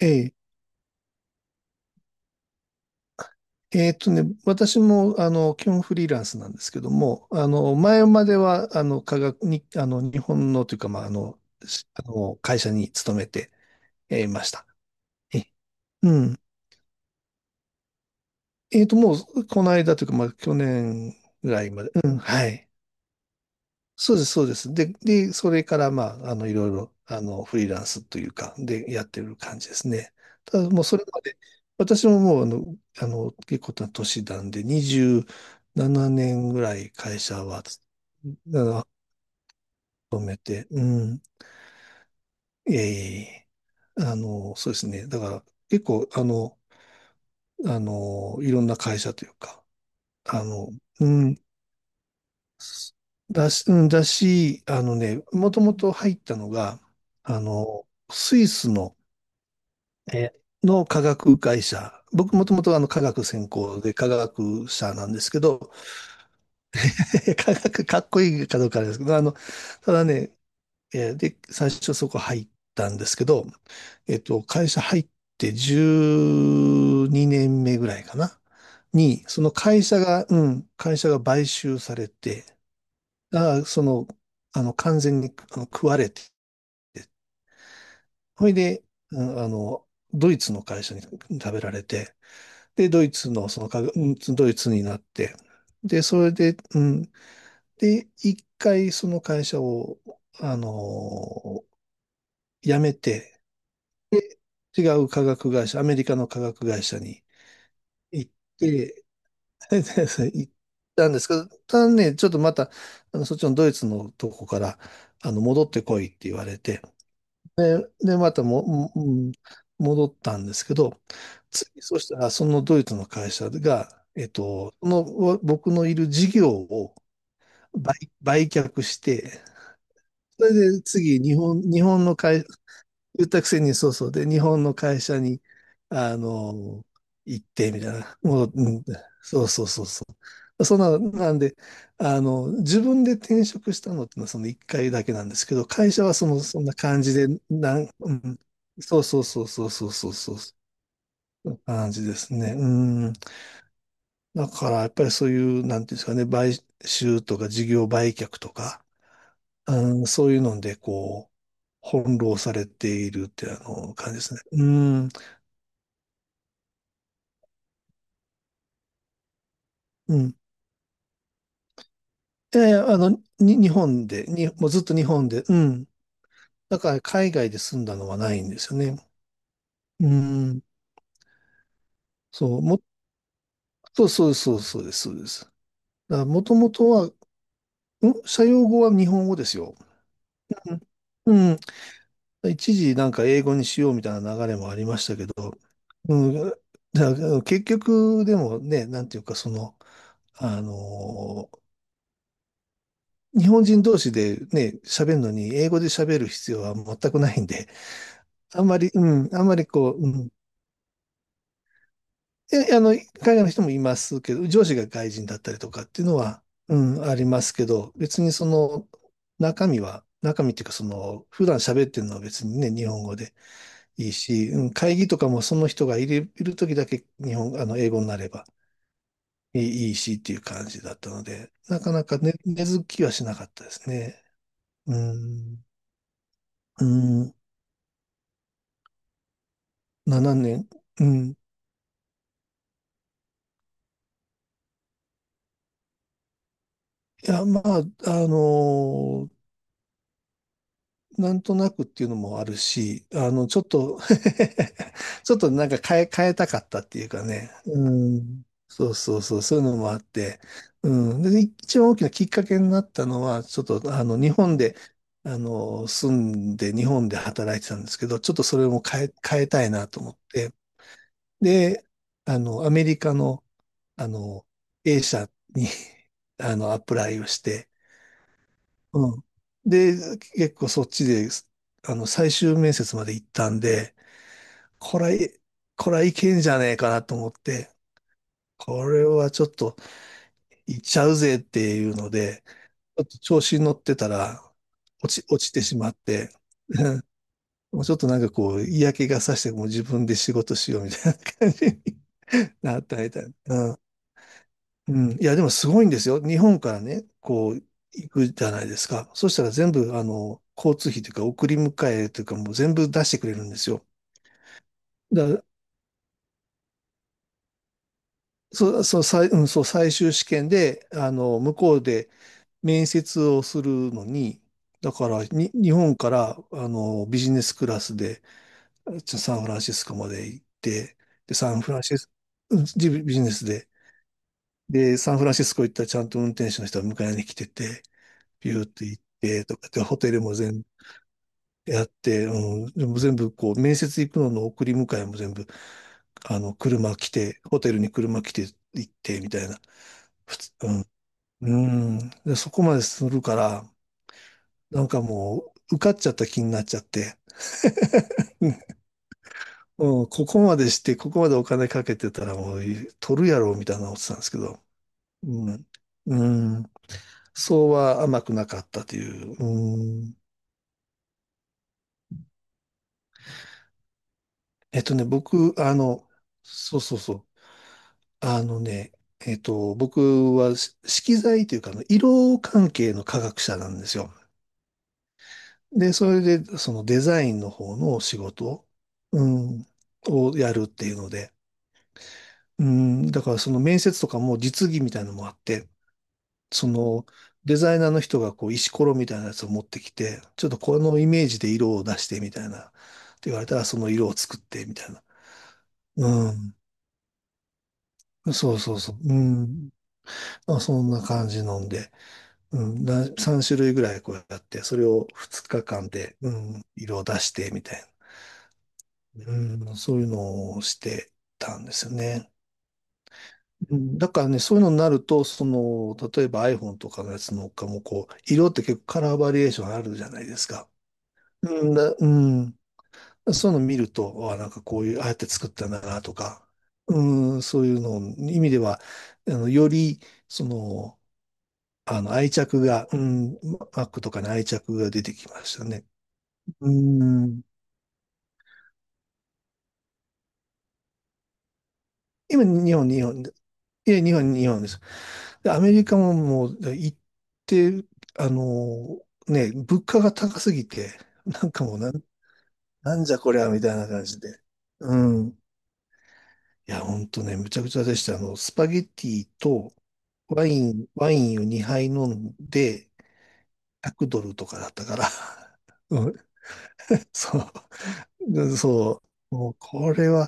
ええ、私も、基本フリーランスなんですけども、前までは、科学に、日本のというか、まあ、あの、しあの、会社に勤めて、いました。え、うん。もう、この間というか、まあ、去年ぐらいまで、うん、はい。そうです、そうです。で、それから、まあ、いろいろ、フリーランスというか、で、やってる感じですね。ただ、もうそれまで、私ももう、結構な年なんで、27年ぐらい会社は、の、勤めて、うん、ええそうですね。だから、結構、いろんな会社というか、あの、うん、すだし、うんだし、あのね、もともと入ったのが、スイスの、えの化学会社。僕もともと化学専攻で化学者なんですけど、化学かっこいいかどうかあれですけど、ただね、えーで、最初そこ入ったんですけど、会社入って12年目ぐらいかな、その会社が、買収されて、が、その、あの、完全に食われて、ほいで、うんあの、ドイツの会社に食べられて、で、ドイツの、そのか、うんドイツになって、で、それで、うん、で、一回その会社を、あの、辞めて、違う化学会社、アメリカの化学会社に行って、行ったんですけど、ただね、ちょっとまた、そっちのドイツのとこから、戻ってこいって言われて、で、また戻ったんですけど、次、そしたら、そのドイツの会社が、その、僕のいる事業を売、売却して、それで次、日本、日本の会、言ったくせに、そうそう。で、日本の会社に、あの、行って、みたいな。もう、うん、そうそうそうそう。そんな、なんで、自分で転職したのってのはその一回だけなんですけど、会社はその、そんな感じで、うん、そうそうそうそうそうそうそう。そんな感じですね。うん。だから、やっぱりそういう、なんていうんですかね、買収とか事業売却とか、うん、そういうので、こう、翻弄されているって、感じですね。うん。うん。いやいや、あの、に、日本で、に、もうずっと日本で、うん。だから海外で住んだのはないんですよね。うん。そう、も、そうそうそうそうです、そうです。だからもともとは、社用語は日本語ですよ。うん。一時なんか英語にしようみたいな流れもありましたけど、うん。だから結局、でもね、なんていうか、その、あのー日本人同士でね、喋るのに、英語で喋る必要は全くないんで、あんまり、うん、あんまりこう、うん。え、あの、海外の人もいますけど、上司が外人だったりとかっていうのは、うん、ありますけど、別にその、中身っていうかその、普段喋ってるのは別にね、日本語でいいし、うん、会議とかもその人がいる時だけ日本、あの、英語になればいいしっていう感じだったので、なかなかね、根付きはしなかったですね。うん、うん、7年、うん。いや、まあ、あのなんとなくっていうのもあるし、ちょっと ちょっとなんか変えたかったっていうかね。うん。そうそうそう、そういうのもあって。うん。で、一番大きなきっかけになったのは、ちょっと、日本で、住んで、日本で働いてたんですけど、ちょっとそれも変えたいなと思って。で、アメリカの、あの、A 社に アプライをして、うん。で、結構そっちで、最終面接まで行ったんで、これ、これはいけんじゃねえかなと思って、これはちょっと行っちゃうぜっていうので、ちょっと調子に乗ってたら、落ちてしまって、もうちょっとなんかこう、嫌気がさして、もう自分で仕事しようみたいな感じになったみたいな。うん。いや、でもすごいんですよ。日本からね、こう、行くじゃないですか。そしたら全部、交通費というか、送り迎えというか、もう全部出してくれるんですよ。だから、そう、そう、最終試験で、向こうで面接をするのに、だから、日本から、ビジネスクラスで、サンフランシスコまで行って、で、サンフランシス、うんビジネスで、で、サンフランシスコ行ったらちゃんと運転手の人が迎えに来てて、ピューって行ってとかって、ホテルも全部やって、うん、でも全部こう、面接行くのの送り迎えも全部、車来て、ホテルに車来て行ってみたいな。普通で、そこまでするから、なんかもう、受かっちゃった気になっちゃって、うん、ここまでして、ここまでお金かけてたらもう、取るやろ、みたいな思ってたんですけど、うん、うん、そうは甘くなかったという、うん、僕、そうそうそう。あのね、僕は色彩というか、色関係の科学者なんですよ。で、それで、そのデザインの方の仕事、うん、をやるっていうので、うん、だからその面接とかも実技みたいなのもあって、そのデザイナーの人がこう石ころみたいなやつを持ってきて、ちょっとこのイメージで色を出してみたいな、って言われたらその色を作ってみたいな。うん、そうそうそう。うん、まあ、そんな感じなんで。うん、3種類ぐらいこうやって、それを2日間で、うん、色を出して、みたいな、うん、そういうのをしてたんですよね。うん、だからね、そういうのになると、その、例えば iPhone とかのやつのかも、こう、色って結構カラーバリエーションあるじゃないですか。うんだ、うん、そういうの見ると、あ、なんかこういう、ああやって作ったんだな、とか、うん、そういうの、意味では、より、その、愛着が、うん、Mac とかに愛着が出てきましたね。うーん。今、日本で。いや、日本です。で、アメリカももう、行って、あのね、物価が高すぎて、なんかもうなんじゃこりゃ、みたいな感じで。うん。いや、ほんとね、むちゃくちゃでした。スパゲッティとワインを2杯飲んで、100ドルとかだったから。うん。そう。でそう。もう、これは、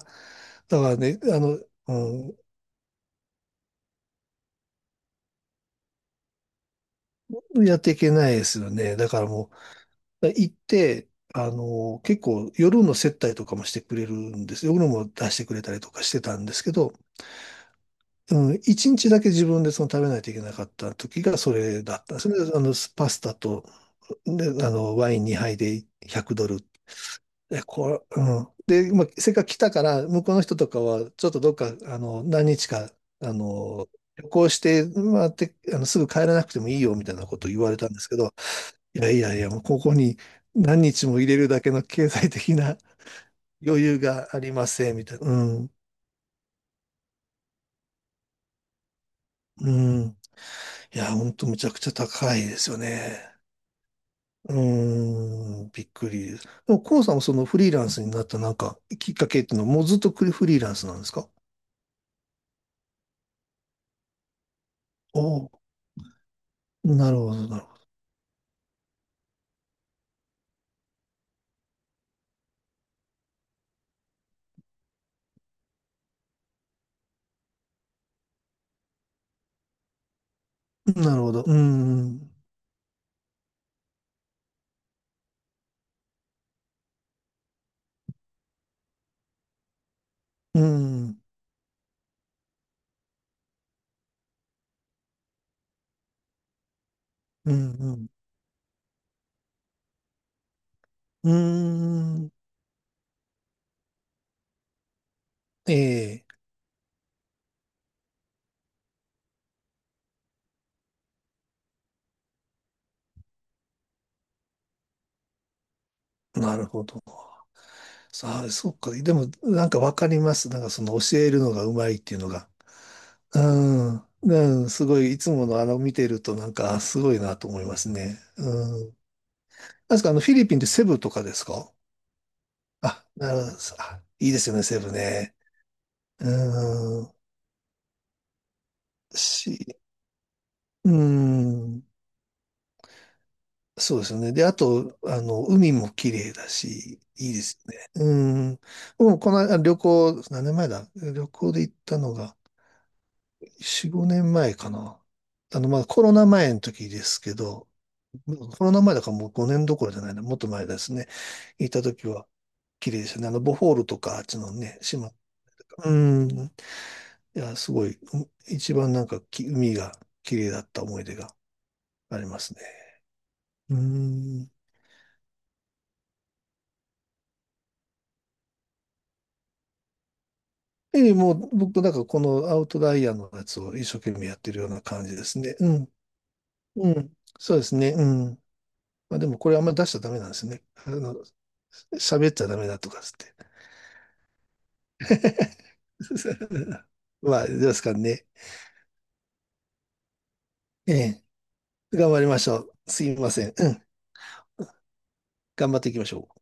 だからね、うんやっていけないですよね。だからもう、行って、結構夜の接待とかもしてくれるんです夜も出してくれたりとかしてたんですけど、うん、1日だけ自分でその食べないといけなかった時がそれだったんですね。パスタと、で、ワイン2杯で100ドル。これ、うん。で、まあ、せっかく来たから、向こうの人とかは、ちょっとどっか、何日か、あの、旅行して、まあ、て、あの、すぐ帰らなくてもいいよ、みたいなことを言われたんですけど、いやいやいや、もうここに何日も入れるだけの経済的な余裕がありません、みたいな。うん。うん。いや、ほんとむちゃくちゃ高いですよね。うーん、びっくりです。でも、コウさんもそのフリーランスになったなんかきっかけっていうのはもうずっとフリーランスなんですか？おおー、なるほど、なるほど。なるほど。うん、うーん、うーん、うーん、うーんええ、なるほど。ああ、そっか。でも、なんかわかります。なんかその教えるのがうまいっていうのが。うん。うん、すごい、いつもの見てるとなんか、あすごいなと思いますね。うん。確かフィリピンってセブとかですかあ？なるほど。あ、いいですよね、セブね。うん。し、うん。そうですよね。で、あと、海も綺麗だし、いいですよね。うん。もうこの間旅行、何年前だ？旅行で行ったのが、4、5年前かな。まあコロナ前の時ですけど、コロナ前だからもう5年どころじゃないな、もっと前ですね。行った時は綺麗でしたね。ボホールとか、あっちのね、島。うん。いや、すごい、うん一番なんか海が綺麗だった思い出がありますね。うん。ええ、もう僕なんかこのアウトライヤーのやつを一生懸命やってるような感じですね。うん。うん。そうですね。うん。まあ、でもこれあんま出しちゃダメなんですね。喋っちゃダメだとかっつっ まあ、どうですかね。ええ。頑張りましょう。すいません。うん。頑張っていきましょう。